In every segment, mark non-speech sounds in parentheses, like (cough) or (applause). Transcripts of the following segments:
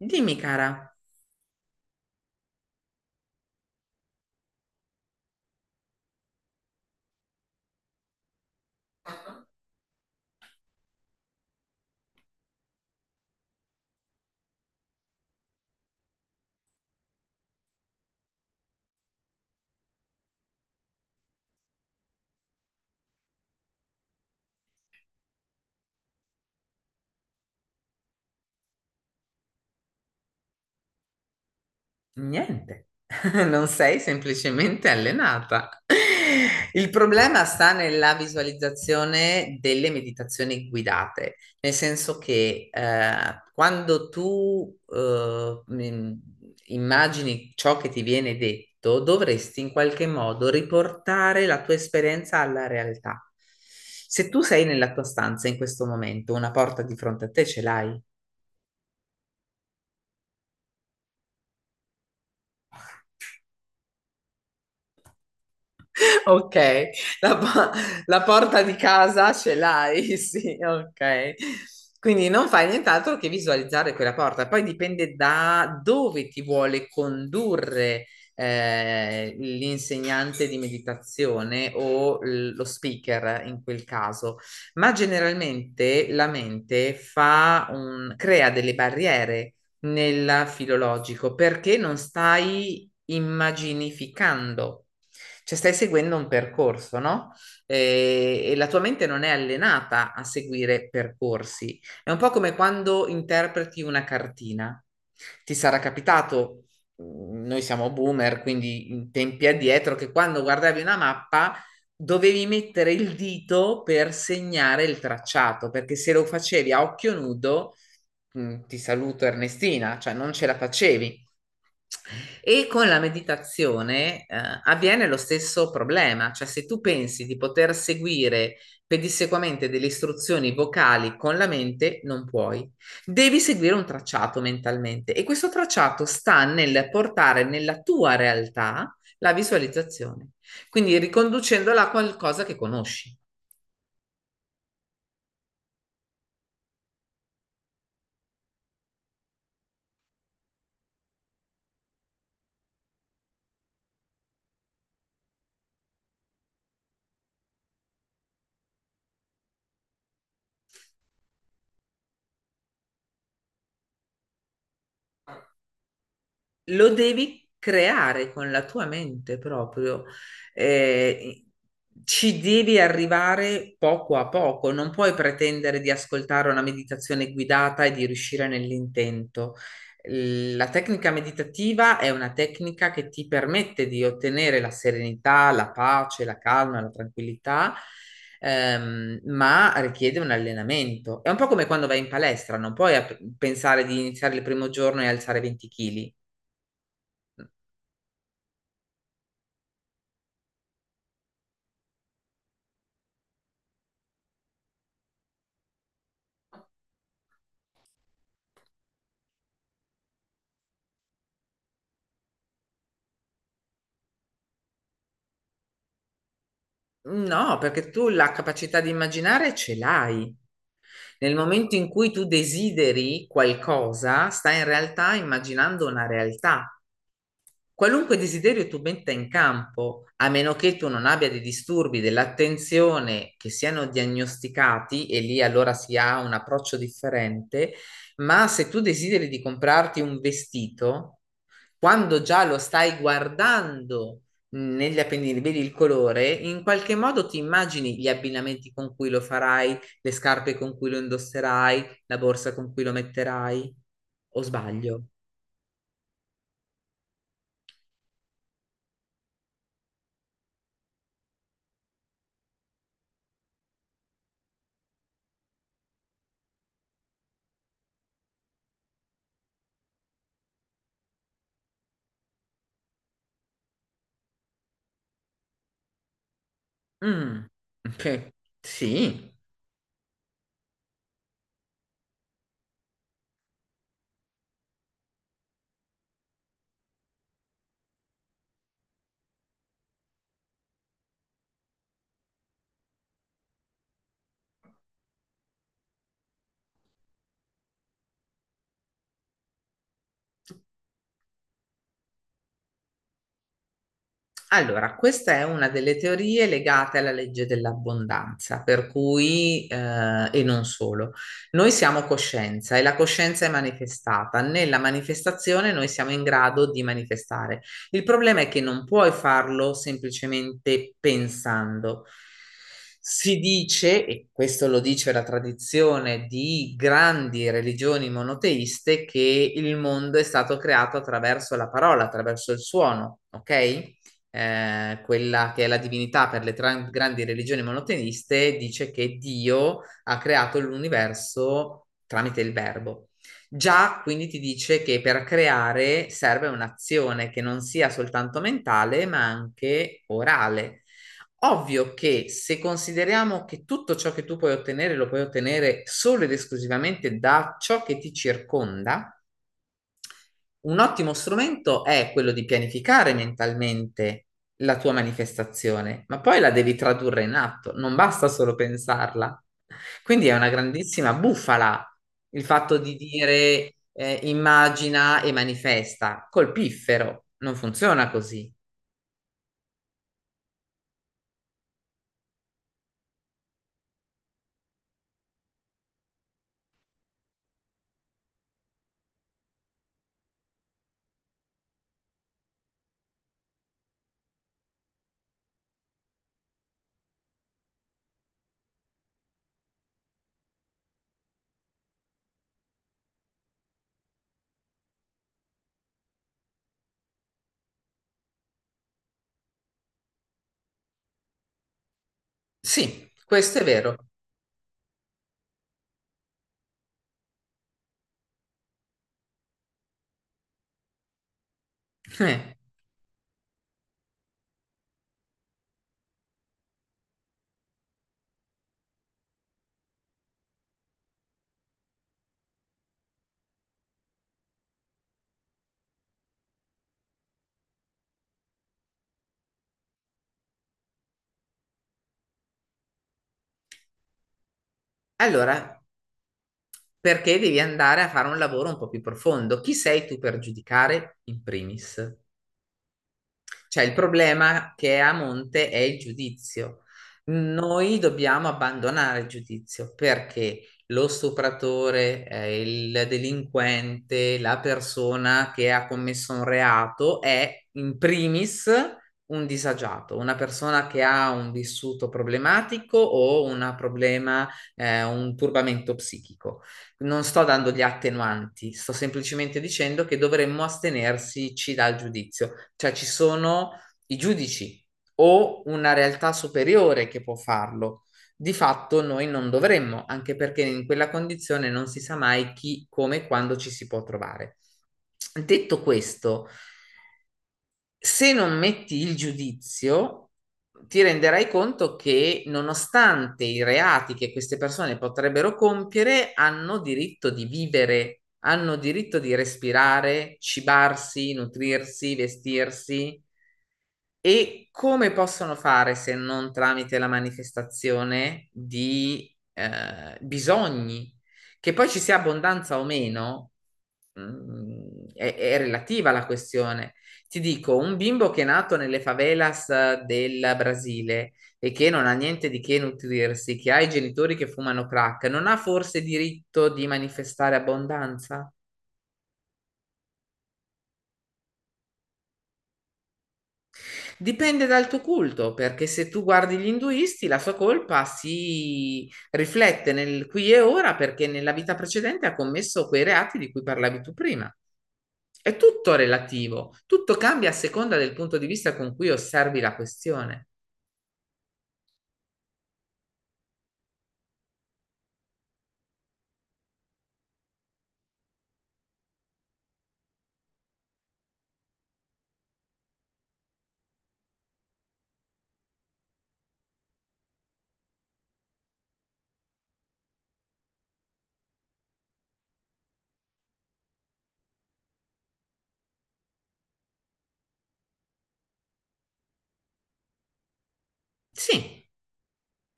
Dimmi, cara, niente, (laughs) non sei semplicemente allenata. Il problema sta nella visualizzazione delle meditazioni guidate, nel senso che quando tu immagini ciò che ti viene detto, dovresti in qualche modo riportare la tua esperienza alla realtà. Se tu sei nella tua stanza in questo momento, una porta di fronte a te ce l'hai? Ok, la, po- la porta di casa ce l'hai, (laughs) sì, ok. Quindi non fai nient'altro che visualizzare quella porta. Poi dipende da dove ti vuole condurre l'insegnante di meditazione o lo speaker in quel caso. Ma generalmente la mente crea delle barriere nel filologico perché non stai immaginificando. Cioè stai seguendo un percorso, no? E la tua mente non è allenata a seguire percorsi. È un po' come quando interpreti una cartina. Ti sarà capitato, noi siamo boomer, quindi in tempi addietro, che quando guardavi una mappa dovevi mettere il dito per segnare il tracciato, perché se lo facevi a occhio nudo, ti saluto Ernestina, cioè non ce la facevi. E con la meditazione, avviene lo stesso problema, cioè se tu pensi di poter seguire pedissequamente delle istruzioni vocali con la mente, non puoi. Devi seguire un tracciato mentalmente e questo tracciato sta nel portare nella tua realtà la visualizzazione, quindi riconducendola a qualcosa che conosci. Lo devi creare con la tua mente proprio. Eh, Ci devi arrivare poco a poco, non puoi pretendere di ascoltare una meditazione guidata e di riuscire nell'intento. La tecnica meditativa è una tecnica che ti permette di ottenere la serenità, la pace, la calma, la tranquillità, ma richiede un allenamento. È un po' come quando vai in palestra, non puoi pensare di iniziare il primo giorno e alzare 20 kg. No, perché tu la capacità di immaginare ce l'hai. Nel momento in cui tu desideri qualcosa, stai in realtà immaginando una realtà. Qualunque desiderio tu metta in campo, a meno che tu non abbia dei disturbi dell'attenzione che siano diagnosticati, e lì allora si ha un approccio differente, ma se tu desideri di comprarti un vestito, quando già lo stai guardando negli appendini, vedi il colore, in qualche modo ti immagini gli abbinamenti con cui lo farai, le scarpe con cui lo indosserai, la borsa con cui lo metterai, o sbaglio? Mm, ok, (laughs) sì. Allora, questa è una delle teorie legate alla legge dell'abbondanza, per cui, e non solo, noi siamo coscienza e la coscienza è manifestata. Nella manifestazione noi siamo in grado di manifestare. Il problema è che non puoi farlo semplicemente pensando. Si dice, e questo lo dice la tradizione di grandi religioni monoteiste, che il mondo è stato creato attraverso la parola, attraverso il suono, ok? Quella che è la divinità per le grandi religioni monoteiste, dice che Dio ha creato l'universo tramite il verbo. Già quindi ti dice che per creare serve un'azione che non sia soltanto mentale, ma anche orale. Ovvio che se consideriamo che tutto ciò che tu puoi ottenere lo puoi ottenere solo ed esclusivamente da ciò che ti circonda, un ottimo strumento è quello di pianificare mentalmente la tua manifestazione, ma poi la devi tradurre in atto, non basta solo pensarla. Quindi è una grandissima bufala il fatto di dire immagina e manifesta col piffero, non funziona così. Sì, questo è vero. Eh, Allora, perché devi andare a fare un lavoro un po' più profondo? Chi sei tu per giudicare in primis? Cioè, il problema che è a monte è il giudizio. Noi dobbiamo abbandonare il giudizio perché lo stupratore, il delinquente, la persona che ha commesso un reato è in primis un disagiato, una persona che ha un vissuto problematico o un problema, un turbamento psichico. Non sto dando gli attenuanti, sto semplicemente dicendo che dovremmo astenersi dal giudizio, cioè ci sono i giudici o una realtà superiore che può farlo. Di fatto noi non dovremmo, anche perché in quella condizione non si sa mai chi, come e quando ci si può trovare. Detto questo, se non metti il giudizio, ti renderai conto che nonostante i reati che queste persone potrebbero compiere, hanno diritto di vivere, hanno diritto di respirare, cibarsi, nutrirsi, vestirsi. E come possono fare se non tramite la manifestazione di bisogni? Che poi ci sia abbondanza o meno, è relativa la questione. Ti dico, un bimbo che è nato nelle favelas del Brasile e che non ha niente di che nutrirsi, che ha i genitori che fumano crack, non ha forse diritto di manifestare abbondanza? Dipende dal tuo culto, perché se tu guardi gli induisti, la sua colpa si riflette nel qui e ora perché nella vita precedente ha commesso quei reati di cui parlavi tu prima. È tutto relativo, tutto cambia a seconda del punto di vista con cui osservi la questione. Sì,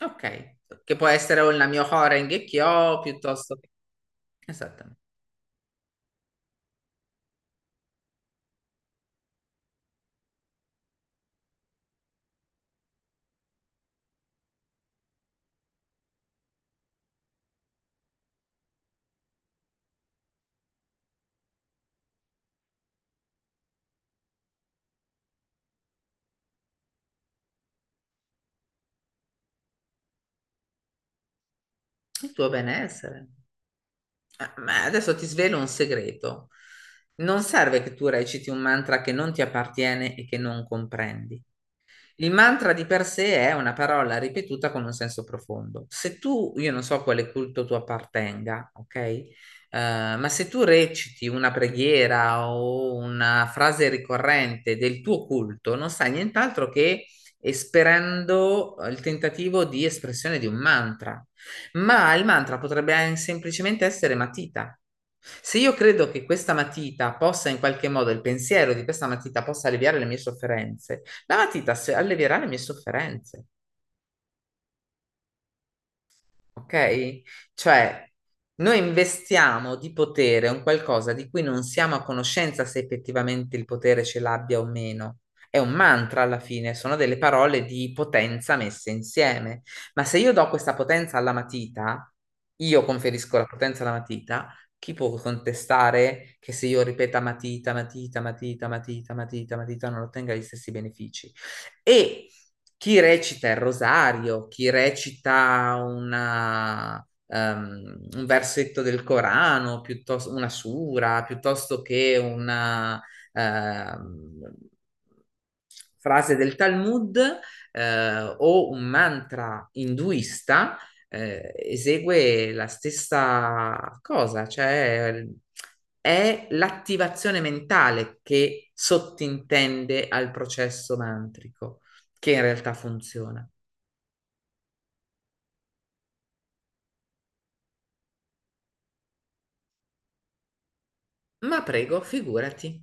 ok, che può essere o il mio Horeng e Kyo piuttosto che... Esattamente, il tuo benessere. Ah, ma adesso ti svelo un segreto. Non serve che tu reciti un mantra che non ti appartiene e che non comprendi. Il mantra di per sé è una parola ripetuta con un senso profondo. Se tu, io non so a quale culto tu appartenga, ok? Ma se tu reciti una preghiera o una frase ricorrente del tuo culto, non stai nient'altro che esperendo il tentativo di espressione di un mantra. Ma il mantra potrebbe semplicemente essere matita. Se io credo che questa matita possa in qualche modo, il pensiero di questa matita possa alleviare le mie sofferenze, la matita allevierà le mie sofferenze, ok? Cioè, noi investiamo di potere un qualcosa di cui non siamo a conoscenza se effettivamente il potere ce l'abbia o meno. È un mantra alla fine, sono delle parole di potenza messe insieme. Ma se io do questa potenza alla matita, io conferisco la potenza alla matita, chi può contestare che se io ripeta matita, matita, matita, matita, matita, matita, non ottenga gli stessi benefici? E chi recita il rosario, chi recita un versetto del Corano, piuttosto una sura, piuttosto che una ehm, frase del Talmud o un mantra induista, esegue la stessa cosa, cioè è l'attivazione mentale che sottintende al processo mantrico, che in realtà funziona. Ma prego, figurati.